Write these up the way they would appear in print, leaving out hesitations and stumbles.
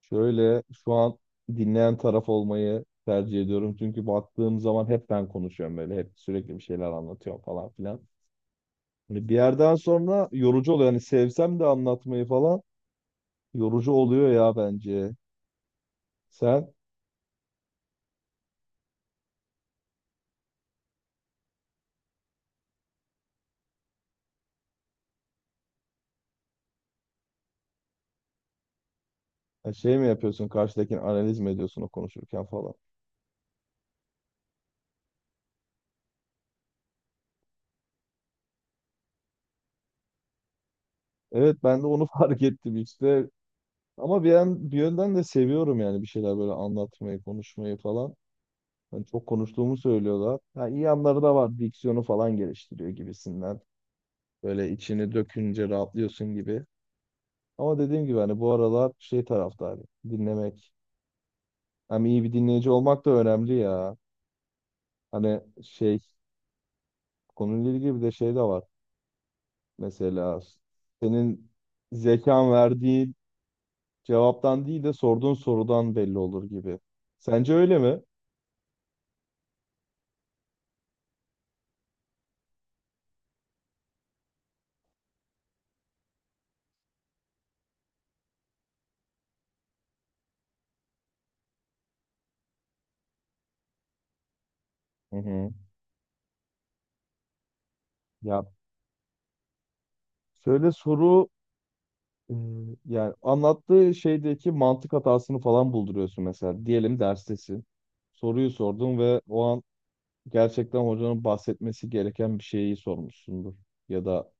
Şöyle şu an dinleyen taraf olmayı tercih ediyorum. Çünkü baktığım zaman hep ben konuşuyorum böyle. Hep sürekli bir şeyler anlatıyorum falan filan. Hani bir yerden sonra yorucu oluyor. Hani sevsem de anlatmayı falan yorucu oluyor ya bence. Sen ha, şey mi yapıyorsun, karşıdakini analiz mi ediyorsun o konuşurken falan. Evet, ben de onu fark ettim işte. Ama bir yönden de seviyorum, yani bir şeyler böyle anlatmayı, konuşmayı falan. Hani çok konuştuğumu söylüyorlar. Ha, iyi yanları da var. Diksiyonu falan geliştiriyor gibisinden. Böyle içini dökünce rahatlıyorsun gibi. Ama dediğim gibi hani bu aralar şey taraftarı dinlemek. Hem iyi bir dinleyici olmak da önemli ya. Hani şey konuyla ilgili bir de şey de var. Mesela senin zekan verdiği cevaptan değil de sorduğun sorudan belli olur gibi. Sence öyle mi? Hı hı. Ya şöyle soru e, yani anlattığı şeydeki mantık hatasını falan bulduruyorsun mesela. Diyelim derstesin. Soruyu sordun ve o an gerçekten hocanın bahsetmesi gereken bir şeyi sormuşsundur. Ya da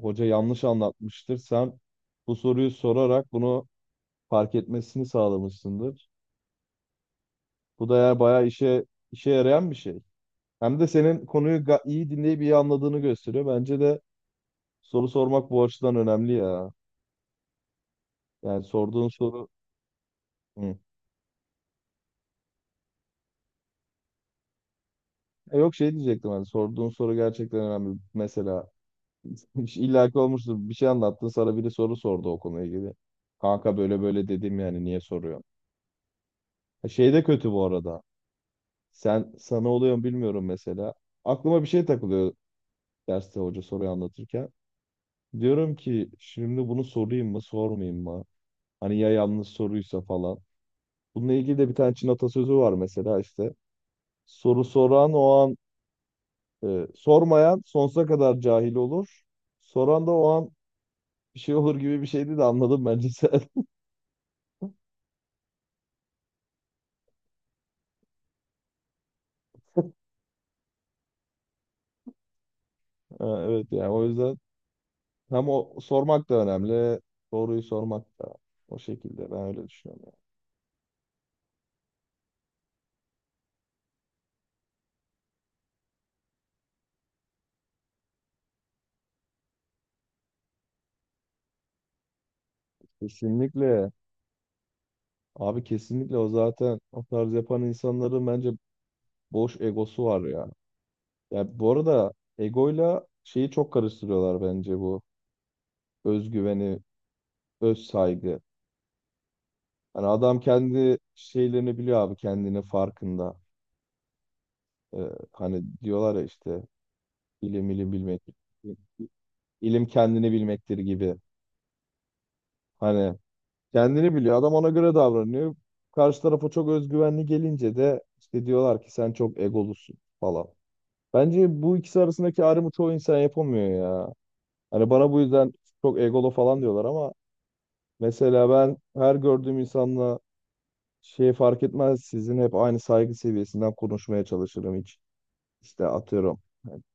hoca yanlış anlatmıştır. Sen bu soruyu sorarak bunu fark etmesini sağlamışsındır. Bu da eğer bayağı işe yarayan bir şey. Hem de senin konuyu iyi dinleyip iyi anladığını gösteriyor. Bence de soru sormak bu açıdan önemli ya. Yani sorduğun soru Hı. E yok, şey diyecektim, hani sorduğun soru gerçekten önemli. Mesela illaki olmuştur, bir şey anlattın, sana biri soru sordu o konuyla ilgili. Kanka böyle böyle dedim, yani niye soruyorsun? Ha, şey de kötü bu arada. Sana oluyor mu bilmiyorum mesela. Aklıma bir şey takılıyor derste hoca soruyu anlatırken. Diyorum ki şimdi bunu sorayım mı sormayayım mı? Hani ya yanlış soruysa falan. Bununla ilgili de bir tane Çin atasözü var mesela işte. Soru soran o an sormayan sonsuza kadar cahil olur. Soran da o an bir şey olur gibi bir şeydi de, anladım bence sen. Ha, evet, yani o yüzden hem o sormak da önemli. Doğruyu sormak da, o şekilde ben öyle düşünüyorum. Yani. Kesinlikle. Abi kesinlikle, o zaten o tarz yapan insanların bence boş egosu var ya. Ya bu arada egoyla şeyi çok karıştırıyorlar bence, bu özgüveni, öz saygı. Hani adam kendi şeylerini biliyor abi, kendini farkında. Ee, hani diyorlar ya işte ilim ilim bilmek, ilim kendini bilmektir gibi. Hani kendini biliyor adam, ona göre davranıyor. Karşı tarafa çok özgüvenli gelince de işte diyorlar ki sen çok egolusun falan. Bence bu ikisi arasındaki ayrımı çoğu insan yapamıyor ya. Hani bana bu yüzden çok egolu falan diyorlar ama mesela ben her gördüğüm insanla şey fark etmez, sizin hep aynı saygı seviyesinden konuşmaya çalışırım hiç. İşte atıyorum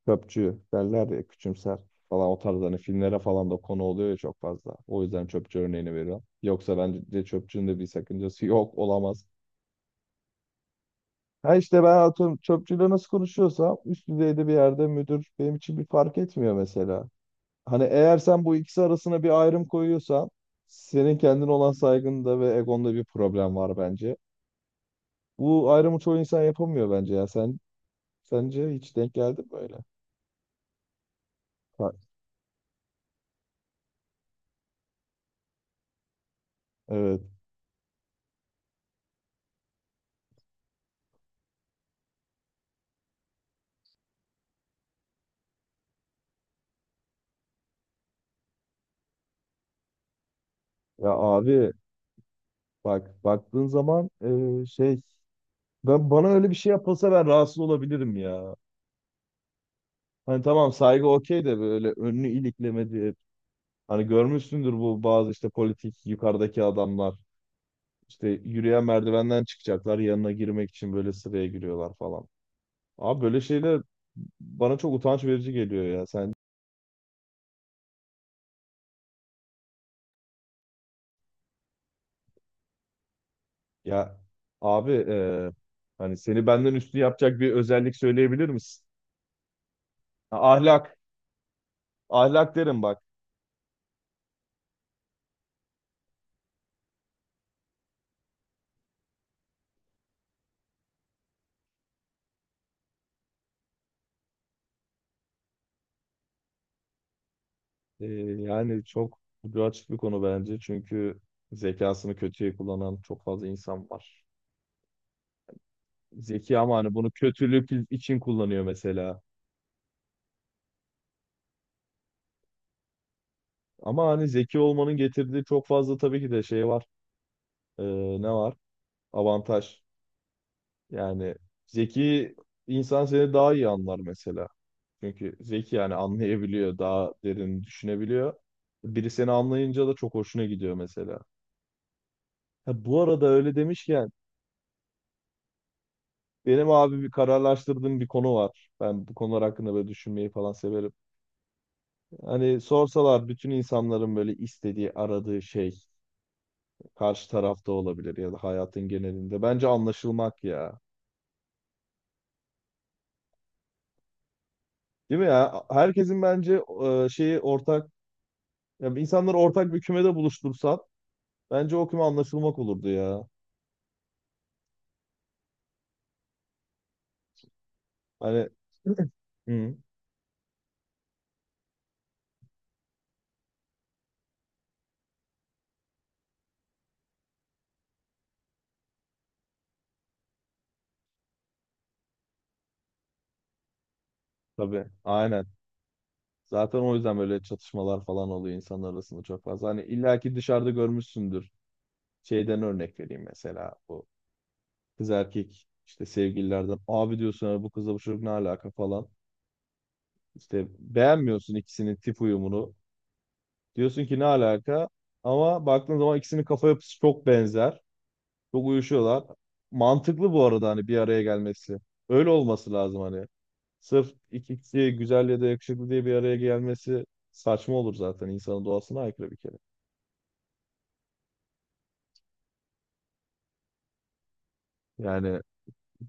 çöpçü derler ya, küçümser falan, o tarz hani filmlere falan da konu oluyor ya çok fazla. O yüzden çöpçü örneğini veriyorum. Yoksa bence de çöpçünün de bir sakıncası yok, olamaz. Ha işte ben atıyorum çöpçüyle nasıl konuşuyorsam üst düzeyde bir yerde müdür benim için bir fark etmiyor mesela. Hani eğer sen bu ikisi arasına bir ayrım koyuyorsan senin kendine olan saygında ve egonda bir problem var bence. Bu ayrımı çoğu insan yapamıyor bence ya. Sen sence hiç denk geldi mi böyle? Ha, evet. Ya abi bak baktığın zaman şey ben bana öyle bir şey yapılsa ben rahatsız olabilirim ya. Hani tamam saygı okey de, böyle önünü iliklemedi. Hani görmüşsündür bu bazı işte politik yukarıdaki adamlar. İşte yürüyen merdivenden çıkacaklar, yanına girmek için böyle sıraya giriyorlar falan. Abi böyle şeyler bana çok utanç verici geliyor ya. Sen ya abi, hani seni benden üstü yapacak bir özellik söyleyebilir misin? Ha, ahlak. Ahlak derim bak. E, yani çok ucu açık bir konu bence. Çünkü zekasını kötüye kullanan çok fazla insan var. Zeki ama hani bunu kötülük için kullanıyor mesela. Ama hani zeki olmanın getirdiği çok fazla tabii ki de şey var. E, ne var? Avantaj. Yani zeki insan seni daha iyi anlar mesela. Çünkü zeki yani anlayabiliyor, daha derin düşünebiliyor. Biri seni anlayınca da çok hoşuna gidiyor mesela. Ha, bu arada öyle demişken benim abi bir kararlaştırdığım bir konu var. Ben bu konular hakkında böyle düşünmeyi falan severim. Hani sorsalar bütün insanların böyle istediği, aradığı şey karşı tarafta olabilir ya da hayatın genelinde. Bence anlaşılmak ya. Değil mi ya? Herkesin bence şeyi ortak, ya insanları ortak bir kümede buluştursan bence o küme anlaşılmak olurdu ya. Hani Hı. Tabii, aynen. Zaten o yüzden böyle çatışmalar falan oluyor insanlar arasında çok fazla. Hani illaki dışarıda görmüşsündür. Şeyden örnek vereyim mesela, bu kız erkek işte sevgililerden, abi diyorsun "Ya bu kızla bu çocuk ne alaka falan. İşte beğenmiyorsun ikisinin tip uyumunu. Diyorsun ki ne alaka? Ama baktığın zaman ikisinin kafa yapısı çok benzer. Çok uyuşuyorlar. Mantıklı bu arada hani bir araya gelmesi. Öyle olması lazım hani. Sırf iki kişi güzel ya da yakışıklı diye bir araya gelmesi saçma olur zaten. İnsanın doğasına aykırı bir kere. Yani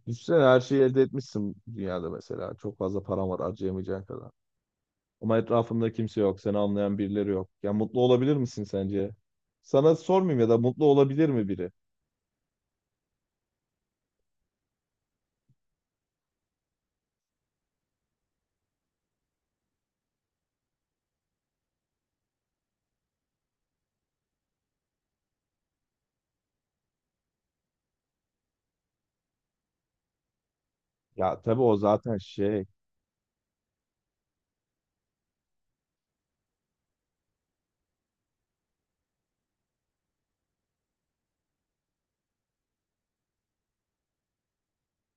düşünsene her şeyi elde etmişsin dünyada mesela. Çok fazla paran var harcayamayacağın kadar. Ama etrafında kimse yok. Seni anlayan birileri yok. Ya mutlu olabilir misin sence? Sana sormayayım, ya da mutlu olabilir mi biri? Ya tabii o zaten şey.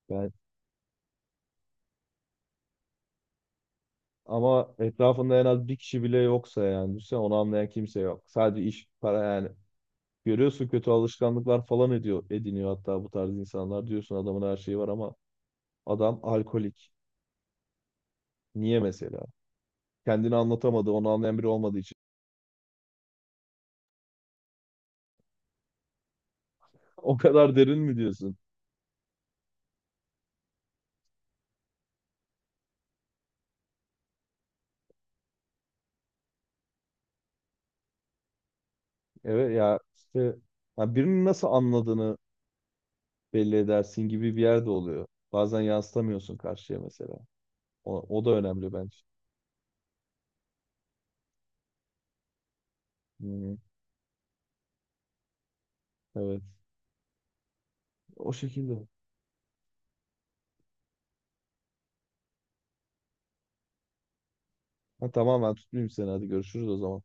Ben... Ama etrafında en az bir kişi bile yoksa yani. Düşünsene onu anlayan kimse yok. Sadece iş, para yani. Görüyorsun kötü alışkanlıklar falan ediniyor hatta bu tarz insanlar. Diyorsun adamın her şeyi var ama adam alkolik. Niye mesela? Kendini anlatamadı, onu anlayan biri olmadığı için. O kadar derin mi diyorsun? Evet ya işte, ya birinin nasıl anladığını belli edersin gibi bir yerde oluyor. Bazen yansıtamıyorsun karşıya mesela. O da önemli bence. Hı, hı, evet. O şekilde. Ha, tamam ben tutmayayım seni. Hadi görüşürüz o zaman.